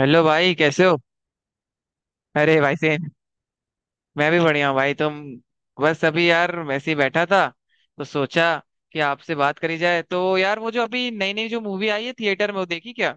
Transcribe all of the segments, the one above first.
Hello भाई, कैसे हो। अरे भाई से। मैं भी बढ़िया हूँ भाई तुम। बस अभी यार वैसे ही बैठा था, तो सोचा कि आपसे बात करी जाए। तो यार वो जो अभी नई नई जो मूवी आई है थिएटर में, वो देखी क्या।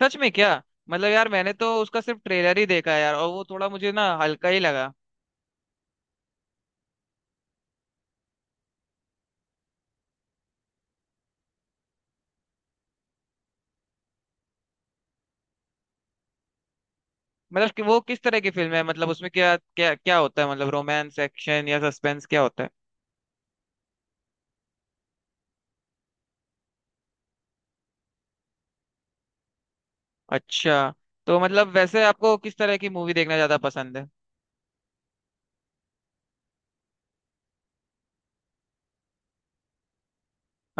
सच में क्या। मतलब यार मैंने तो उसका सिर्फ ट्रेलर ही देखा है यार, और वो थोड़ा मुझे ना हल्का ही लगा। मतलब कि वो किस तरह की फिल्म है, मतलब उसमें क्या क्या क्या होता है, मतलब रोमांस, एक्शन या सस्पेंस क्या होता है। अच्छा, तो मतलब वैसे आपको किस तरह की मूवी देखना ज्यादा पसंद है।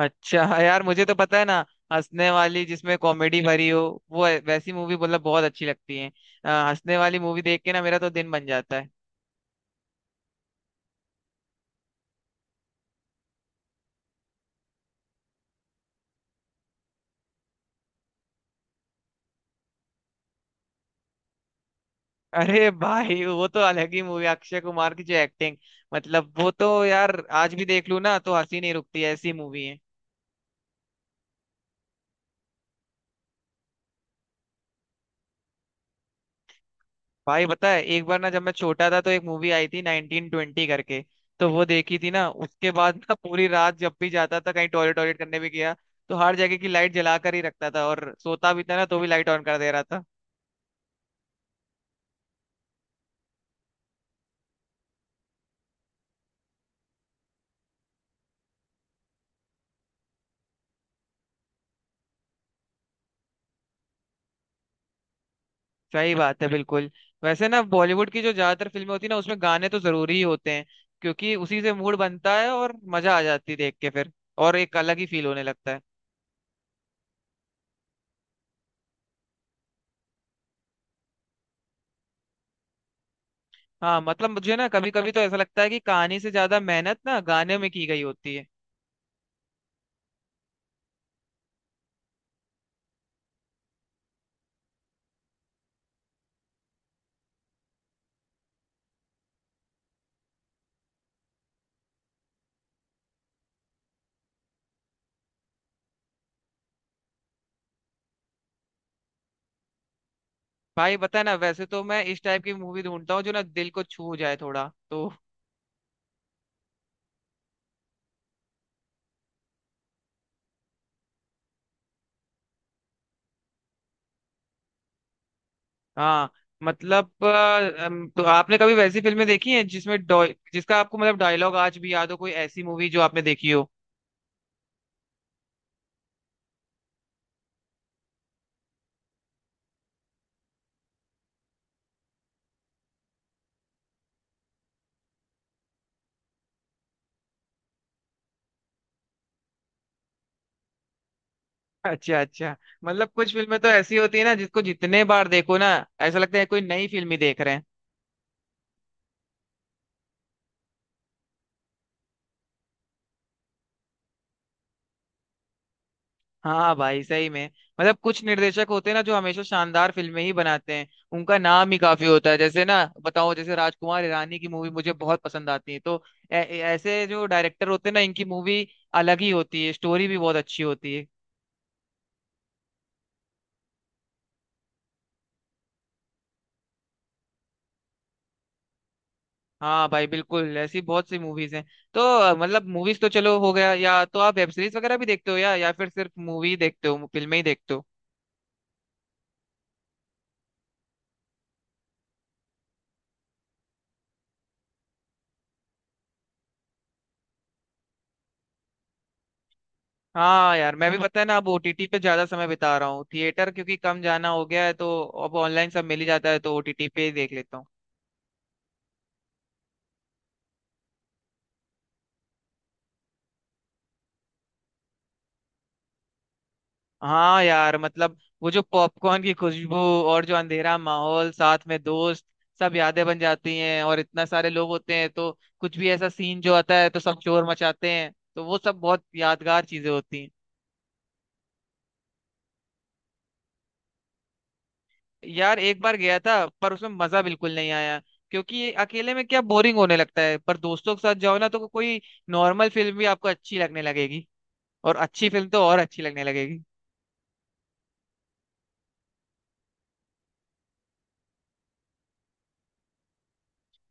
अच्छा हाँ यार, मुझे तो पता है ना, हंसने वाली जिसमें कॉमेडी भरी हो। वैसी मूवी मतलब बहुत अच्छी लगती है। हंसने वाली मूवी देख के ना मेरा तो दिन बन जाता है। अरे भाई वो तो अलग ही मूवी, अक्षय कुमार की जो एक्टिंग, मतलब वो तो यार आज भी देख लूँ ना तो हंसी नहीं रुकती, ऐसी मूवी है। भाई पता है, एक बार ना जब मैं छोटा था तो एक मूवी आई थी 1920 करके। तो वो देखी थी ना, उसके बाद ना पूरी रात जब भी जाता था कहीं, टॉयलेट टॉयलेट करने भी गया तो हर जगह की लाइट जला कर ही रखता था, और सोता भी था ना तो भी लाइट ऑन कर दे रहा था। सही बात है बिल्कुल। वैसे ना बॉलीवुड की जो ज्यादातर फिल्में होती है ना, उसमें गाने तो जरूरी ही होते हैं, क्योंकि उसी से मूड बनता है और मजा आ जाती है देख के फिर, और एक अलग ही फील होने लगता है। हाँ मतलब, मुझे ना कभी कभी तो ऐसा लगता है कि कहानी से ज्यादा मेहनत ना गाने में की गई होती है। भाई बता ना, वैसे तो मैं इस टाइप की मूवी ढूंढता हूँ जो ना दिल को छू जाए थोड़ा तो। हाँ मतलब तो आपने कभी वैसी फिल्में देखी हैं जिसमें जिसका आपको मतलब डायलॉग आज भी याद हो, कोई ऐसी मूवी जो आपने देखी हो। अच्छा अच्छा। मतलब कुछ फिल्में तो ऐसी होती है ना जिसको जितने बार देखो ना, ऐसा लगता है कोई नई फिल्म ही देख रहे हैं। हाँ भाई सही में। मतलब कुछ निर्देशक होते हैं ना जो हमेशा शानदार फिल्में ही बनाते हैं। उनका नाम ही काफी होता है। जैसे ना बताओ, जैसे राजकुमार ईरानी की मूवी मुझे बहुत पसंद आती है। तो ऐसे जो डायरेक्टर होते हैं ना, इनकी मूवी अलग ही होती है, स्टोरी भी बहुत अच्छी होती है। हाँ भाई बिल्कुल, ऐसी बहुत सी मूवीज हैं। तो मतलब मूवीज तो चलो हो गया, या तो आप वेब सीरीज वगैरह भी देखते हो, या फिर सिर्फ मूवी देखते हो, फिल्में ही देखते हो। हाँ यार मैं भी पता है ना, अब ओटीटी पे ज्यादा समय बिता रहा हूँ, थिएटर क्योंकि कम जाना हो गया है, तो अब ऑनलाइन सब मिल ही जाता है तो ओटीटी पे ही देख लेता हूँ। हाँ यार मतलब, वो जो पॉपकॉर्न की खुशबू, और जो अंधेरा माहौल, साथ में दोस्त, सब यादें बन जाती हैं, और इतना सारे लोग होते हैं तो कुछ भी ऐसा सीन जो आता है तो सब शोर मचाते हैं, तो वो सब बहुत यादगार चीजें होती हैं। यार एक बार गया था पर उसमें मजा बिल्कुल नहीं आया, क्योंकि ये अकेले में क्या बोरिंग होने लगता है। पर दोस्तों के साथ जाओ ना तो कोई नॉर्मल फिल्म भी आपको अच्छी लगने लगेगी, और अच्छी फिल्म तो और अच्छी लगने लगेगी।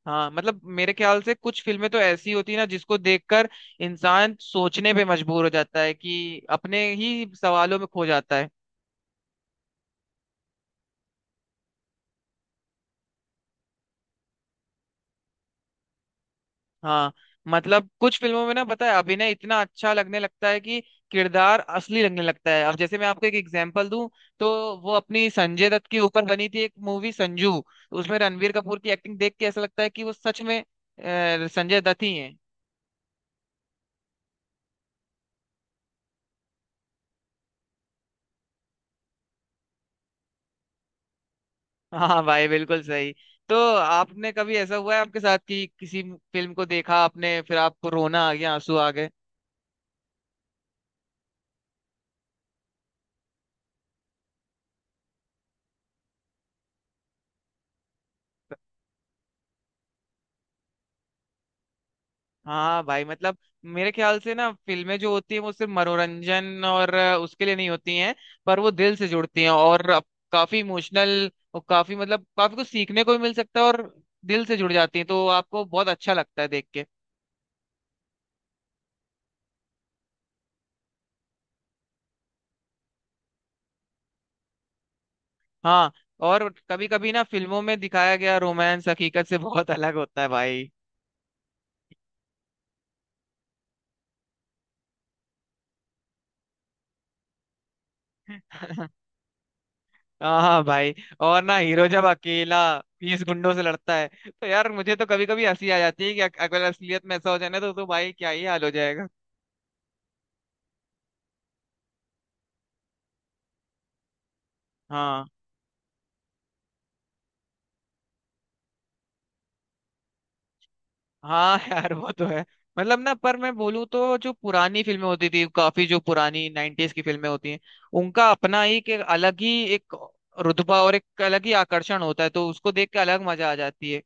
हाँ मतलब मेरे ख्याल से कुछ फिल्में तो ऐसी होती है ना जिसको देखकर इंसान सोचने पे मजबूर हो जाता है, कि अपने ही सवालों में खो जाता है। हाँ मतलब, कुछ फिल्मों में ना पता है अभिनय इतना अच्छा लगने लगता है कि किरदार असली लगने लगता है। अब जैसे मैं आपको एक एग्जांपल दूं, तो वो अपनी संजय दत्त के ऊपर बनी थी एक मूवी संजू, तो उसमें रणवीर कपूर की एक्टिंग देख के ऐसा लगता है कि वो सच में संजय दत्त ही है। हाँ भाई बिल्कुल सही। तो आपने कभी ऐसा हुआ है आपके साथ कि किसी फिल्म को देखा आपने, फिर आपको रोना आ गया, आंसू आ गए। हाँ भाई मतलब, मेरे ख्याल से ना फिल्में जो होती हैं वो सिर्फ मनोरंजन और उसके लिए नहीं होती हैं, पर वो दिल से जुड़ती हैं और काफी इमोशनल और काफी मतलब काफी कुछ सीखने को भी मिल सकता है, और दिल से जुड़ जाती हैं तो आपको बहुत अच्छा लगता है देख के। हाँ, और कभी कभी ना फिल्मों में दिखाया गया रोमांस हकीकत से बहुत अलग होता है भाई। हाँ हाँ भाई, और ना हीरो जब अकेला 20 गुंडों से लड़ता है, तो यार मुझे तो कभी कभी हंसी आ जाती है कि अगर असलियत में ऐसा हो जाए ना तो भाई क्या ही हाल हो जाएगा। हाँ हाँ यार वो तो है। मतलब ना, पर मैं बोलूँ तो जो पुरानी फिल्में होती थी, काफी जो पुरानी 90ज़ की फिल्में होती हैं, उनका अपना ही एक अलग ही एक रुतबा और एक अलग ही आकर्षण होता है, तो उसको देख के अलग मजा आ जाती है।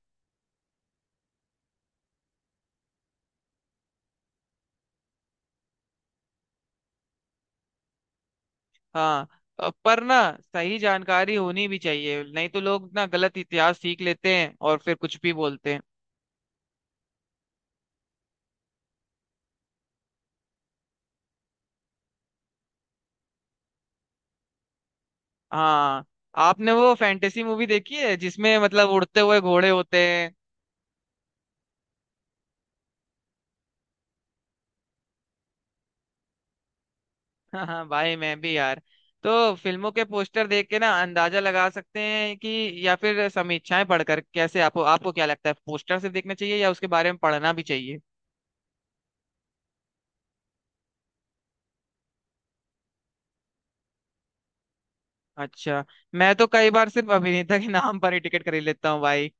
हाँ पर ना सही जानकारी होनी भी चाहिए, नहीं तो लोग ना गलत इतिहास सीख लेते हैं और फिर कुछ भी बोलते हैं। हाँ, आपने वो फैंटेसी मूवी देखी है जिसमें मतलब उड़ते हुए घोड़े होते हैं। हाँ हाँ भाई मैं भी यार। तो फिल्मों के पोस्टर देख के ना अंदाजा लगा सकते हैं कि, या फिर समीक्षाएं पढ़कर, कैसे आपको आपको क्या लगता है, पोस्टर सिर्फ देखना चाहिए या उसके बारे में पढ़ना भी चाहिए। अच्छा, मैं तो कई बार सिर्फ अभिनेता के नाम पर ही टिकट खरीद लेता हूँ भाई।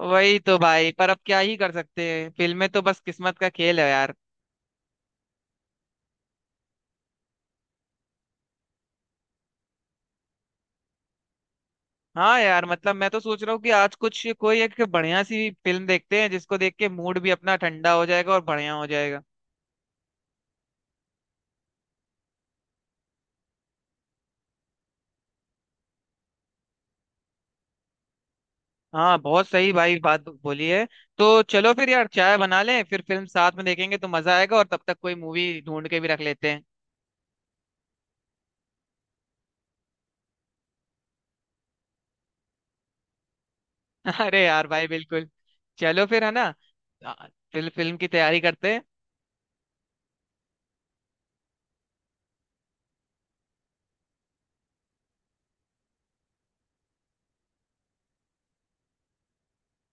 वही तो भाई, पर अब क्या ही कर सकते हैं, फिल्में तो बस किस्मत का खेल है यार। हाँ यार मतलब, मैं तो सोच रहा हूँ कि आज कुछ कोई एक बढ़िया सी फिल्म देखते हैं, जिसको देख के मूड भी अपना ठंडा हो जाएगा और बढ़िया हो जाएगा। हाँ बहुत सही भाई बात बोली है। तो चलो फिर यार, चाय बना लें, फिर फिल्म साथ में देखेंगे तो मजा आएगा, और तब तक कोई मूवी ढूंढ के भी रख लेते हैं। अरे यार भाई बिल्कुल। चलो फिर है ना, फिल्म फिल्म की तैयारी करते हैं।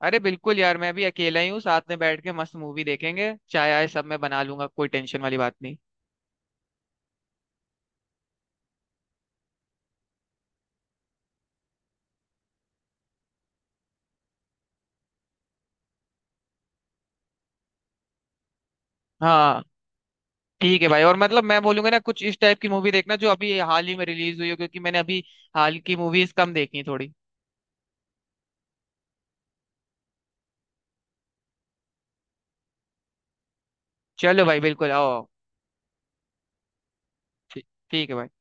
अरे बिल्कुल यार, मैं भी अकेला ही हूँ, साथ में बैठ के मस्त मूवी देखेंगे, चाय आय सब मैं बना लूंगा, कोई टेंशन वाली बात नहीं। हाँ ठीक है भाई, और मतलब मैं बोलूंगा ना कुछ इस टाइप की मूवी देखना जो अभी हाल ही में रिलीज हुई हो, क्योंकि मैंने अभी हाल की मूवीज कम देखी हैं थोड़ी। चलो भाई बिल्कुल, आओ आओ। ठीक ठीक है भाई।